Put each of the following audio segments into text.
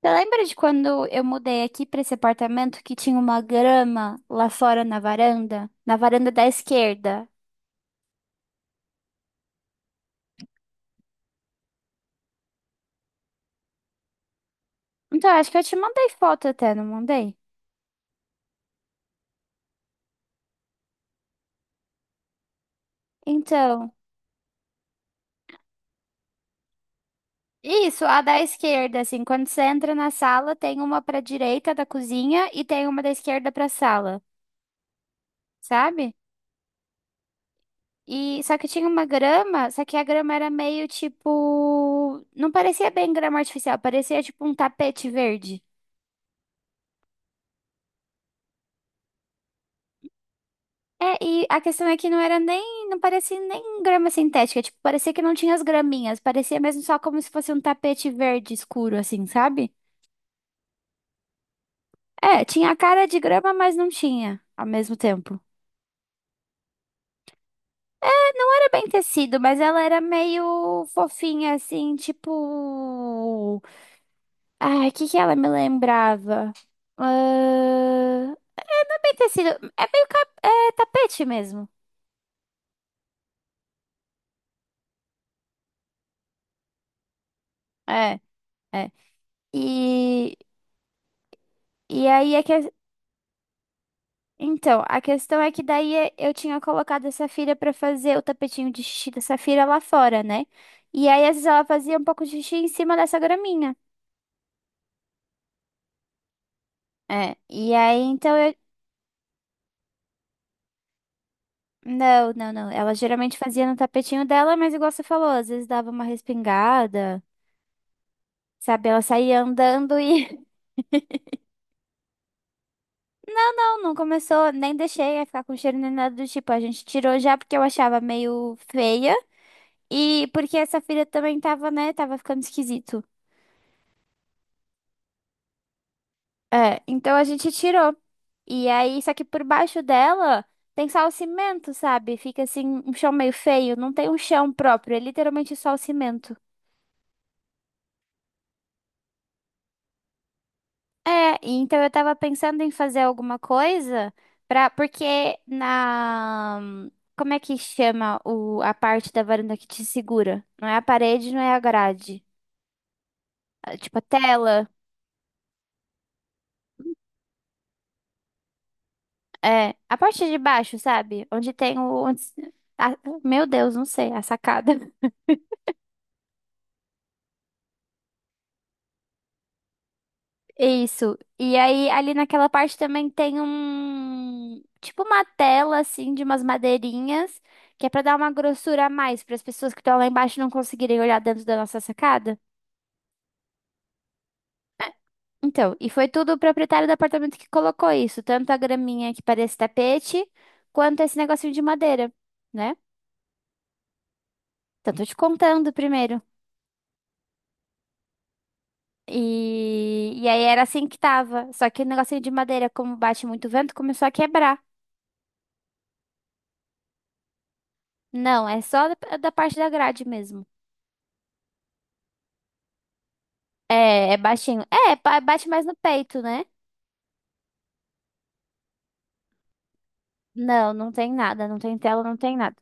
Você lembra de quando eu mudei aqui pra esse apartamento que tinha uma grama lá fora na varanda? Na varanda da esquerda. Então, acho que eu te mandei foto até, não mandei? Então, isso, a da esquerda, assim, quando você entra na sala, tem uma pra direita da cozinha e tem uma da esquerda pra sala, sabe? E só que tinha uma grama, só que a grama era meio tipo, não parecia bem grama artificial, parecia tipo um tapete verde. É, e a questão é que não era nem, não parecia nem grama sintética, tipo, parecia que não tinha as graminhas, parecia mesmo só como se fosse um tapete verde escuro, assim, sabe? É, tinha a cara de grama, mas não tinha, ao mesmo tempo. Era bem tecido, mas ela era meio fofinha, assim, tipo... Ai, o que que ela me lembrava? Ahn, Não é bem tecido, é meio é tapete mesmo. É, é. E, e aí é que então, a questão é que daí eu tinha colocado a Safira pra fazer o tapetinho de xixi da Safira lá fora, né? E aí, às vezes, ela fazia um pouco de xixi em cima dessa graminha. É, e aí, então, eu... Não, não, não. Ela geralmente fazia no tapetinho dela, mas igual você falou, às vezes dava uma respingada, sabe? Ela saía andando e... Não, não começou, nem deixei a ficar com cheiro nem nada do tipo. A gente tirou já porque eu achava meio feia e porque essa Safira também tava, né? Tava ficando esquisito. É, então a gente tirou. E aí, só que por baixo dela tem só o cimento, sabe? Fica assim, um chão meio feio. Não tem um chão próprio, é literalmente só o cimento. É, e então eu tava pensando em fazer alguma coisa pra. Porque na. Como é que chama o... a parte da varanda que te segura? Não é a parede, não é a grade. É, tipo, a tela. É. A parte de baixo, sabe? Onde tem o. onde- a- Meu Deus, não sei, a sacada. Isso. E aí, ali naquela parte também tem um. Tipo uma tela, assim, de umas madeirinhas, que é pra dar uma grossura a mais, para as pessoas que estão lá embaixo não conseguirem olhar dentro da nossa sacada. Então, e foi tudo o proprietário do apartamento que colocou isso, tanto a graminha que parece tapete, quanto esse negocinho de madeira, né? Então, tô te contando primeiro. E aí era assim que tava. Só que o negocinho de madeira, como bate muito vento, começou a quebrar. Não, é só da parte da grade mesmo. É, é baixinho. É, bate mais no peito, né? Não, não tem nada, não tem tela, não tem nada.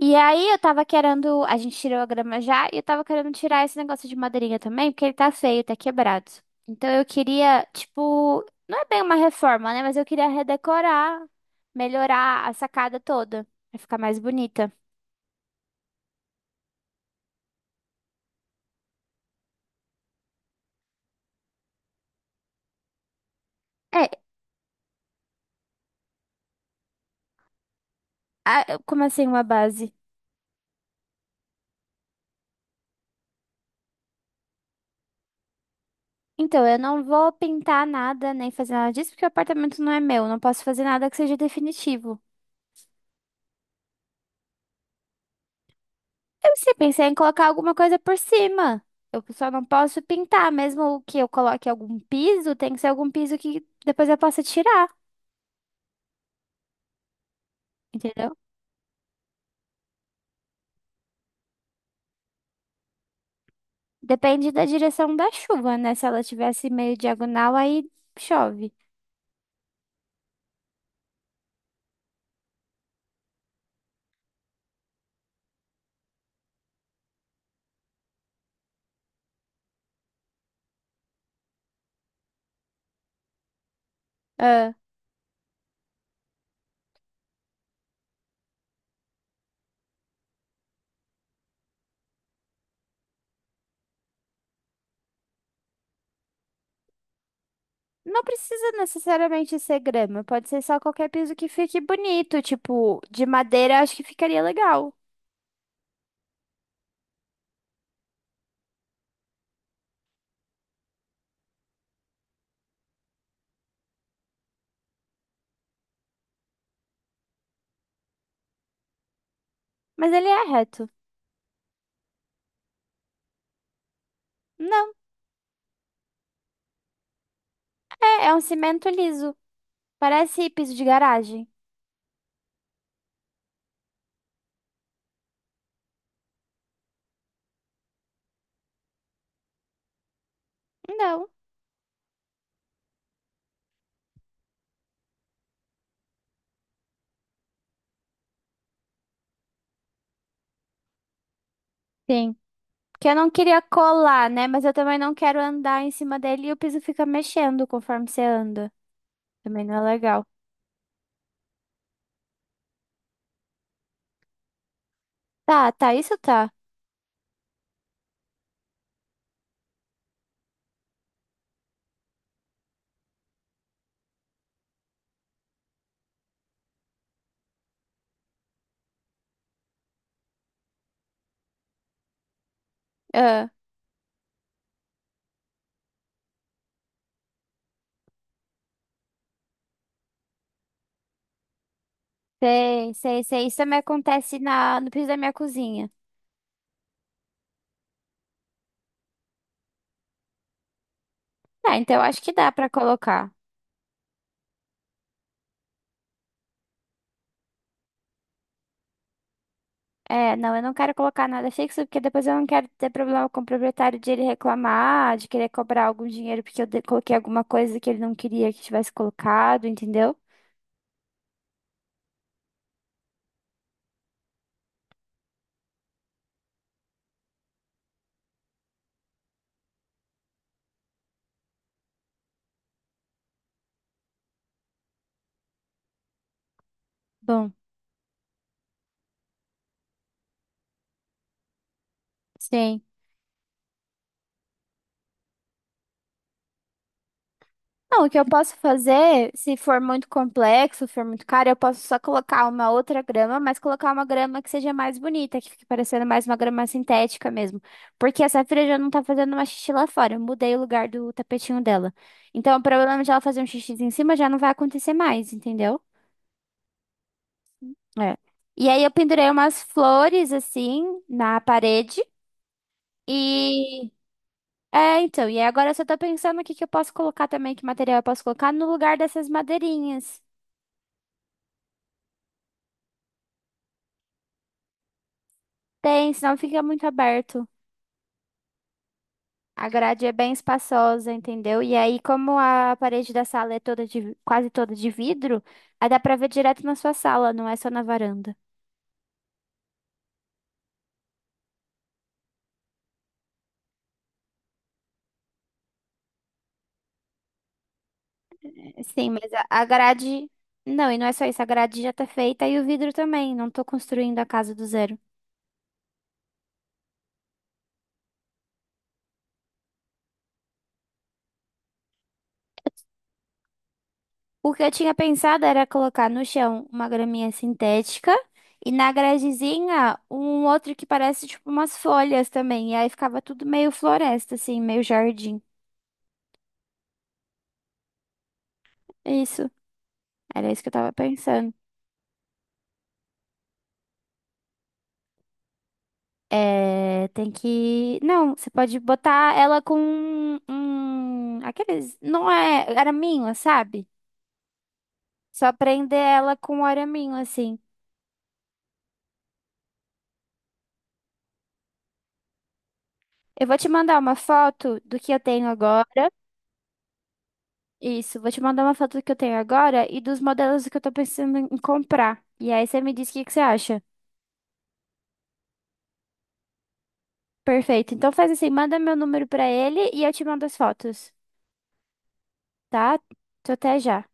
E aí eu tava querendo, a gente tirou a grama já, e eu tava querendo tirar esse negócio de madeirinha também, porque ele tá feio, tá quebrado. Então eu queria, tipo, não é bem uma reforma, né? Mas eu queria redecorar, melhorar a sacada toda, pra ficar mais bonita. É, como assim uma base? Então, eu não vou pintar nada, nem fazer nada disso, porque o apartamento não é meu, não posso fazer nada que seja definitivo. Eu se pensei em colocar alguma coisa por cima. Eu só não posso pintar, mesmo que eu coloque algum piso, tem que ser algum piso que depois eu possa tirar, entendeu? Depende da direção da chuva, né? Se ela tivesse meio diagonal, aí chove. Ah, não precisa necessariamente ser grama, pode ser só qualquer piso que fique bonito, tipo, de madeira, acho que ficaria legal. Mas ele é reto. Não, é, é um cimento liso. Parece piso de garagem. Não. Sim. Que eu não queria colar, né? Mas eu também não quero andar em cima dele e o piso fica mexendo conforme você anda. Também não é legal. Tá, tá, isso tá. Ah, sei, sei, sei. Isso também acontece na, no piso da minha cozinha. Ah, então eu acho que dá pra colocar. É, não, eu não quero colocar nada fixo, porque depois eu não quero ter problema com o proprietário de ele reclamar, de querer cobrar algum dinheiro porque eu coloquei alguma coisa que ele não queria que tivesse colocado, entendeu? Bom, sim. Não, o que eu posso fazer, se for muito complexo, for muito caro, eu posso só colocar uma outra grama, mas colocar uma grama que seja mais bonita, que fique parecendo mais uma grama sintética mesmo. Porque a Safira já não tá fazendo uma xixi lá fora. Eu mudei o lugar do tapetinho dela. Então, o problema de ela fazer um xixi em cima já não vai acontecer mais, entendeu? É. E aí eu pendurei umas flores assim na parede e é, então, e agora eu só tô pensando o que que eu posso colocar também, que material eu posso colocar no lugar dessas madeirinhas. Tem, senão fica muito aberto. A grade é bem espaçosa, entendeu? E aí, como a parede da sala é toda de, quase toda de vidro, aí dá pra ver direto na sua sala, não é só na varanda. Sim, mas a grade. Não, e não é só isso, a grade já tá feita e o vidro também. Não tô construindo a casa do zero. O que eu tinha pensado era colocar no chão uma graminha sintética e na gradezinha um outro que parece tipo umas folhas também. E aí ficava tudo meio floresta, assim, meio jardim. É isso. Era isso que eu tava pensando. É, tem que. Não, você pode botar ela com um. Aqueles. Não é araminho, sabe? Só prender ela com um araminho, assim. Eu vou te mandar uma foto do que eu tenho agora. Isso, vou te mandar uma foto do que eu tenho agora e dos modelos que eu tô pensando em comprar. E aí você me diz o que que você acha. Perfeito. Então faz assim, manda meu número pra ele e eu te mando as fotos, tá? Tô até já.